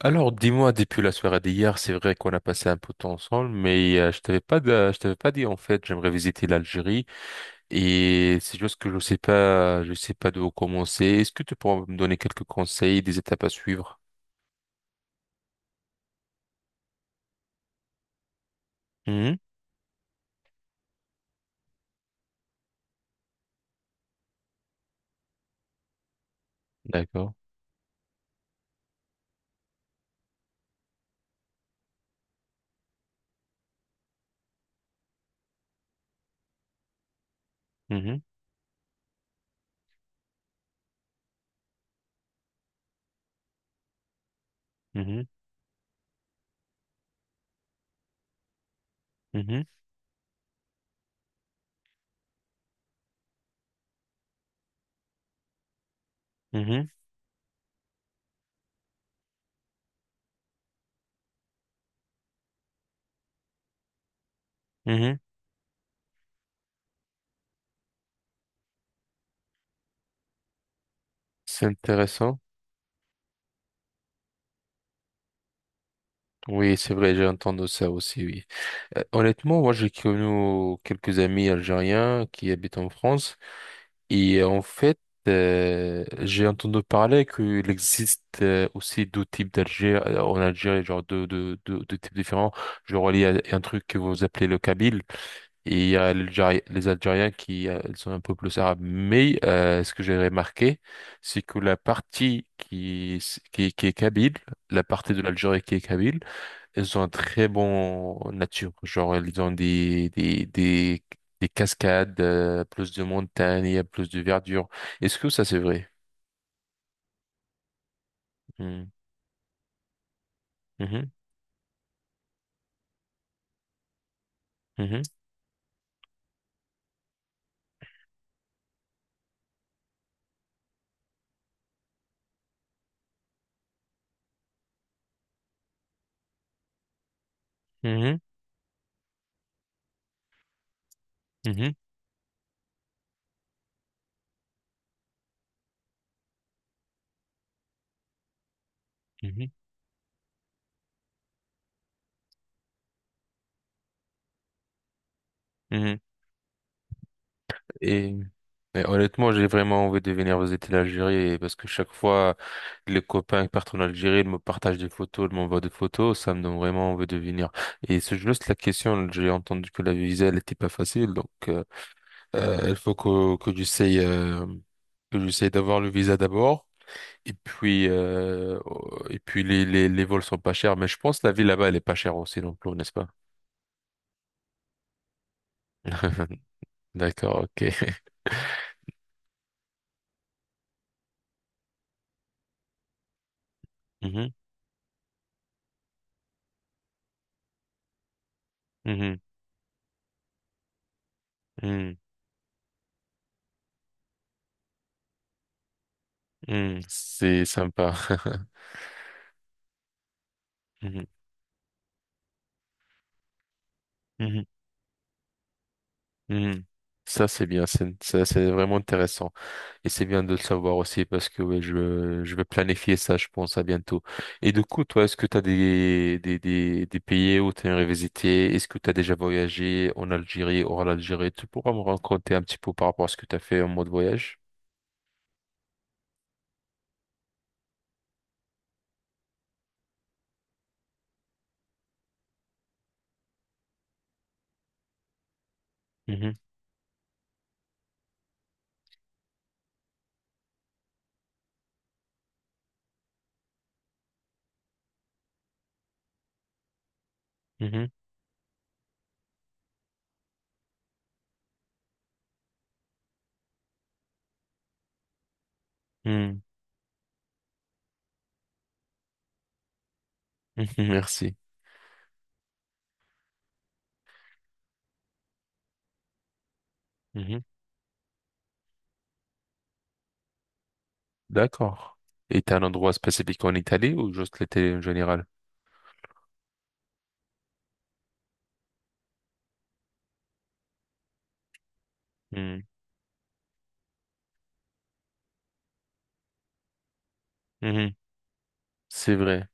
Alors, dis-moi, depuis la soirée d'hier, c'est vrai qu'on a passé un peu de temps ensemble, mais je t'avais pas dit en fait, j'aimerais visiter l'Algérie et c'est juste que je sais pas d'où commencer. Est-ce que tu pourras me donner quelques conseils, des étapes à suivre? Mhm. D'accord. Mhm, mhm, mhm, mhm, mhm. C'est intéressant. Oui, c'est vrai, j'ai entendu ça aussi, oui. Honnêtement, moi, j'ai connu quelques amis algériens qui habitent en France. Et en fait, j'ai entendu parler qu'il existe aussi deux types d'Algérie en Algérie, genre deux types différents. Genre, il y a un truc que vous appelez le Kabyle et il y a les Algériens qui sont un peu plus arabes. Mais ce que j'ai remarqué, c'est que la partie qui est Kabyle, la partie de l'Algérie qui est Kabyle, ils ont un très bon nature, genre ils ont des cascades, plus de montagnes, il y a plus de verdure. Est-ce que ça c'est vrai? Hmm. Mhm. Mhm. Mhm. Mhm. Mhm. Mhm. Et, et honnêtement, j'ai vraiment envie de venir visiter l'Algérie parce que chaque fois les copains qui partent en Algérie, ils me partagent des photos, ils m'envoient des photos, ça me donne vraiment envie de venir. Et c'est juste la question, j'ai entendu que la visa elle était pas facile, donc. Il faut que j'essaye d'avoir le visa d'abord. Et puis, euh, et puis les vols sont pas chers, mais je pense que la vie là-bas, elle est pas chère aussi non plus, n'est-ce pas? D'accord, ok. Mhm, mhm, mhm, mhm. C'est sympa. Mhm, mhm, mhm. Ça, c'est bien, ça, c'est vraiment intéressant. Et c'est bien de le savoir aussi parce que ouais, je vais planifier ça, je pense, à bientôt. Et du coup, toi, est-ce que tu as des pays où tu aimerais visiter? Est-ce que tu as déjà voyagé en Algérie, hors l'Algérie? Tu pourras me raconter un petit peu par rapport à ce que tu as fait en mode voyage? Mhm, mhm, mhm, mhm, merci. Mhm, d'accord. Et t'as un endroit spécifique en Italie ou juste l'Italie en général? Mhm, mhm, c'est vrai.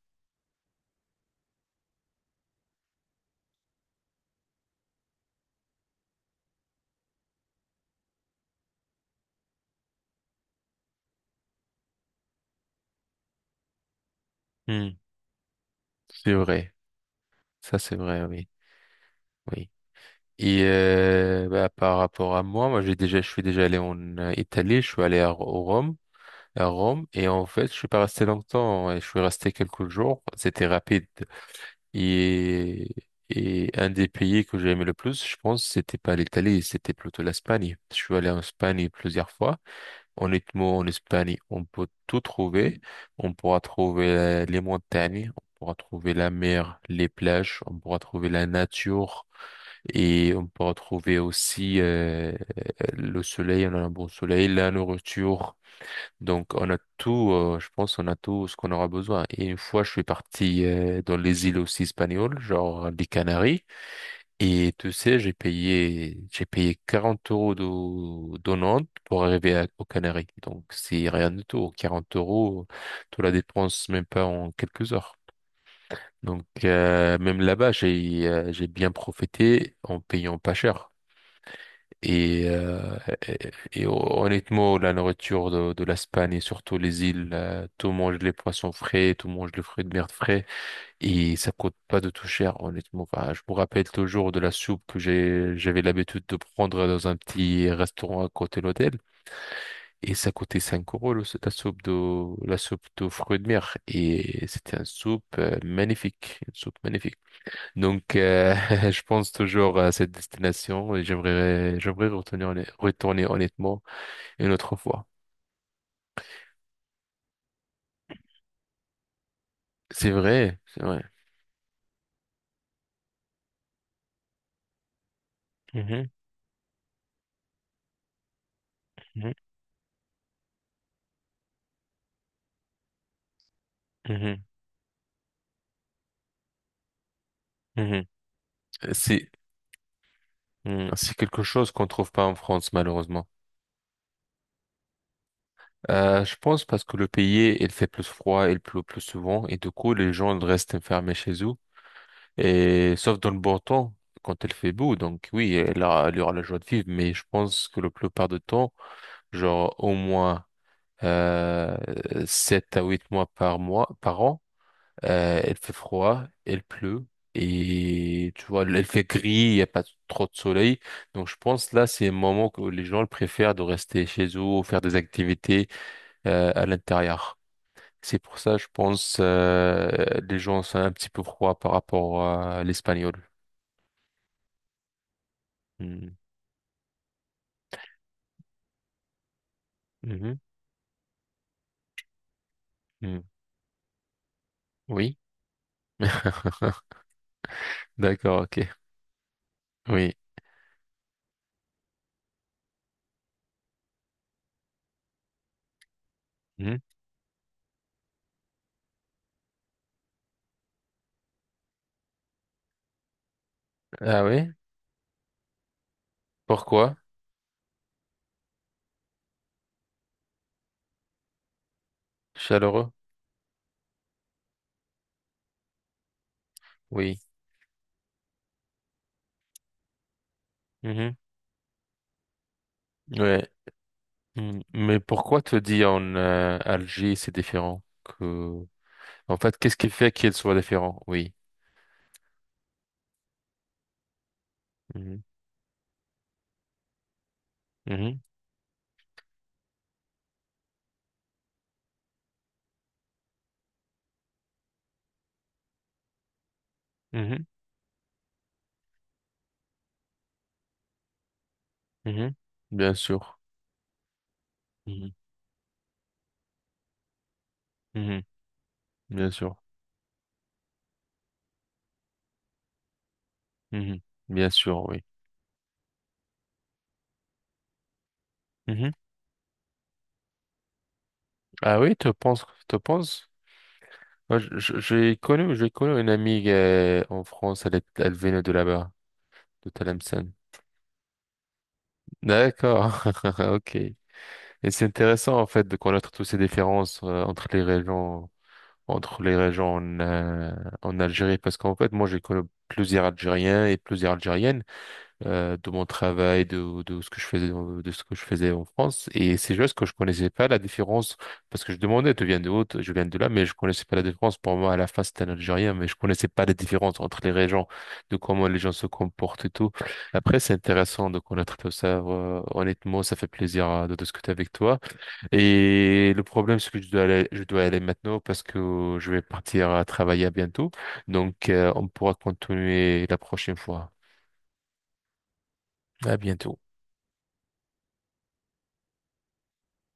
Mhm, c'est vrai. Ça, c'est vrai, oui. Oui. Et bah, par rapport à moi, je suis déjà allé en Italie, je suis allé au Rome, à Rome, et en fait je suis pas resté longtemps, et je suis resté quelques jours. C'était rapide. Et et un des pays que j'ai aimé le plus, je pense, c'était pas l'Italie, c'était plutôt l'Espagne. Je suis allé en Espagne plusieurs fois. Honnêtement, en Espagne, on peut tout trouver. On pourra trouver les montagnes, on pourra trouver la mer, les plages, on pourra trouver la nature. Et on peut retrouver aussi le soleil, on a un bon soleil, la nourriture. Donc on a tout, je pense, on a tout ce qu'on aura besoin. Et une fois, je suis parti dans les îles aussi espagnoles, genre les Canaries. Et tu sais, j'ai payé 40 euros de Nantes pour arriver aux Canaries. Donc c'est rien du tout. 40 euros, tu la dépenses même pas en quelques heures. Donc même là-bas, j'ai bien profité en payant pas cher. Et, euh, et, et honnêtement, la nourriture de l'Espagne et surtout les îles, tout mange les poissons frais, tout mange les fruits de mer frais et ça coûte pas de tout cher, honnêtement. Enfin, je me rappelle toujours de la soupe j'avais l'habitude de prendre dans un petit restaurant à côté de l'hôtel et ça coûtait 5 euros la soupe la soupe de fruits de mer et c'était une soupe magnifique, une soupe magnifique. Donc, je pense toujours à cette destination et j'aimerais retourner, retourner honnêtement une autre fois. C'est vrai, c'est vrai. Mhm, mhm, mhm, mhm. C'est, mhm, c'est quelque chose qu'on trouve pas en France, malheureusement. Je pense parce que le pays, il fait plus froid, il pleut plus souvent et du coup, les gens restent enfermés chez eux. Et sauf dans le bon temps, quand il fait beau. Donc oui, là, il y aura la joie de vivre, mais je pense que la plupart du temps, genre au moins euh, 7 à 8 mois par mois, par an. Elle fait froid, elle pleut. Et tu vois, elle fait gris, il n'y a pas trop de soleil. Donc je pense là, c'est un moment où les gens le préfèrent de rester chez eux ou faire des activités à l'intérieur. C'est pour ça, je pense, les gens sont un petit peu froids par rapport à l'espagnol. Hmm. Mhm. Hmm. Oui. D'accord, ok. Oui. Mhm. Ah oui? Pourquoi? Chaleureux? Oui. Mhm. Ouais. Mm. Mais pourquoi te dire en Alger c'est différent que... En fait, qu'est-ce qui fait qu'il soit différent? Oui. Mhm. Mhm. Mhm. Mhm. Bien sûr. Mhm. Mhm. Bien sûr. Mhm. Bien sûr, oui. Mhm. Ah oui, tu penses, tu penses? Moi, j'ai connu une amie en France, elle venait de là-bas, de Tlemcen. D'accord, ok. Et c'est intéressant en fait de connaître toutes ces différences entre les régions. Entre les régions en, en Algérie parce qu'en fait moi j'ai connu plusieurs Algériens et plusieurs Algériennes de mon travail de ce que je faisais de ce que je faisais en France et c'est juste que je connaissais pas la différence parce que je demandais tu viens de où je viens de là mais je connaissais pas la différence pour moi à la face c'était un Algérien mais je connaissais pas la différence entre les régions de comment les gens se comportent et tout après c'est intéressant de connaître tout ça honnêtement ça fait plaisir de discuter avec toi et le problème, c'est que je dois aller maintenant parce que je vais partir à travailler à bientôt. Donc, on pourra continuer la prochaine fois. À bientôt.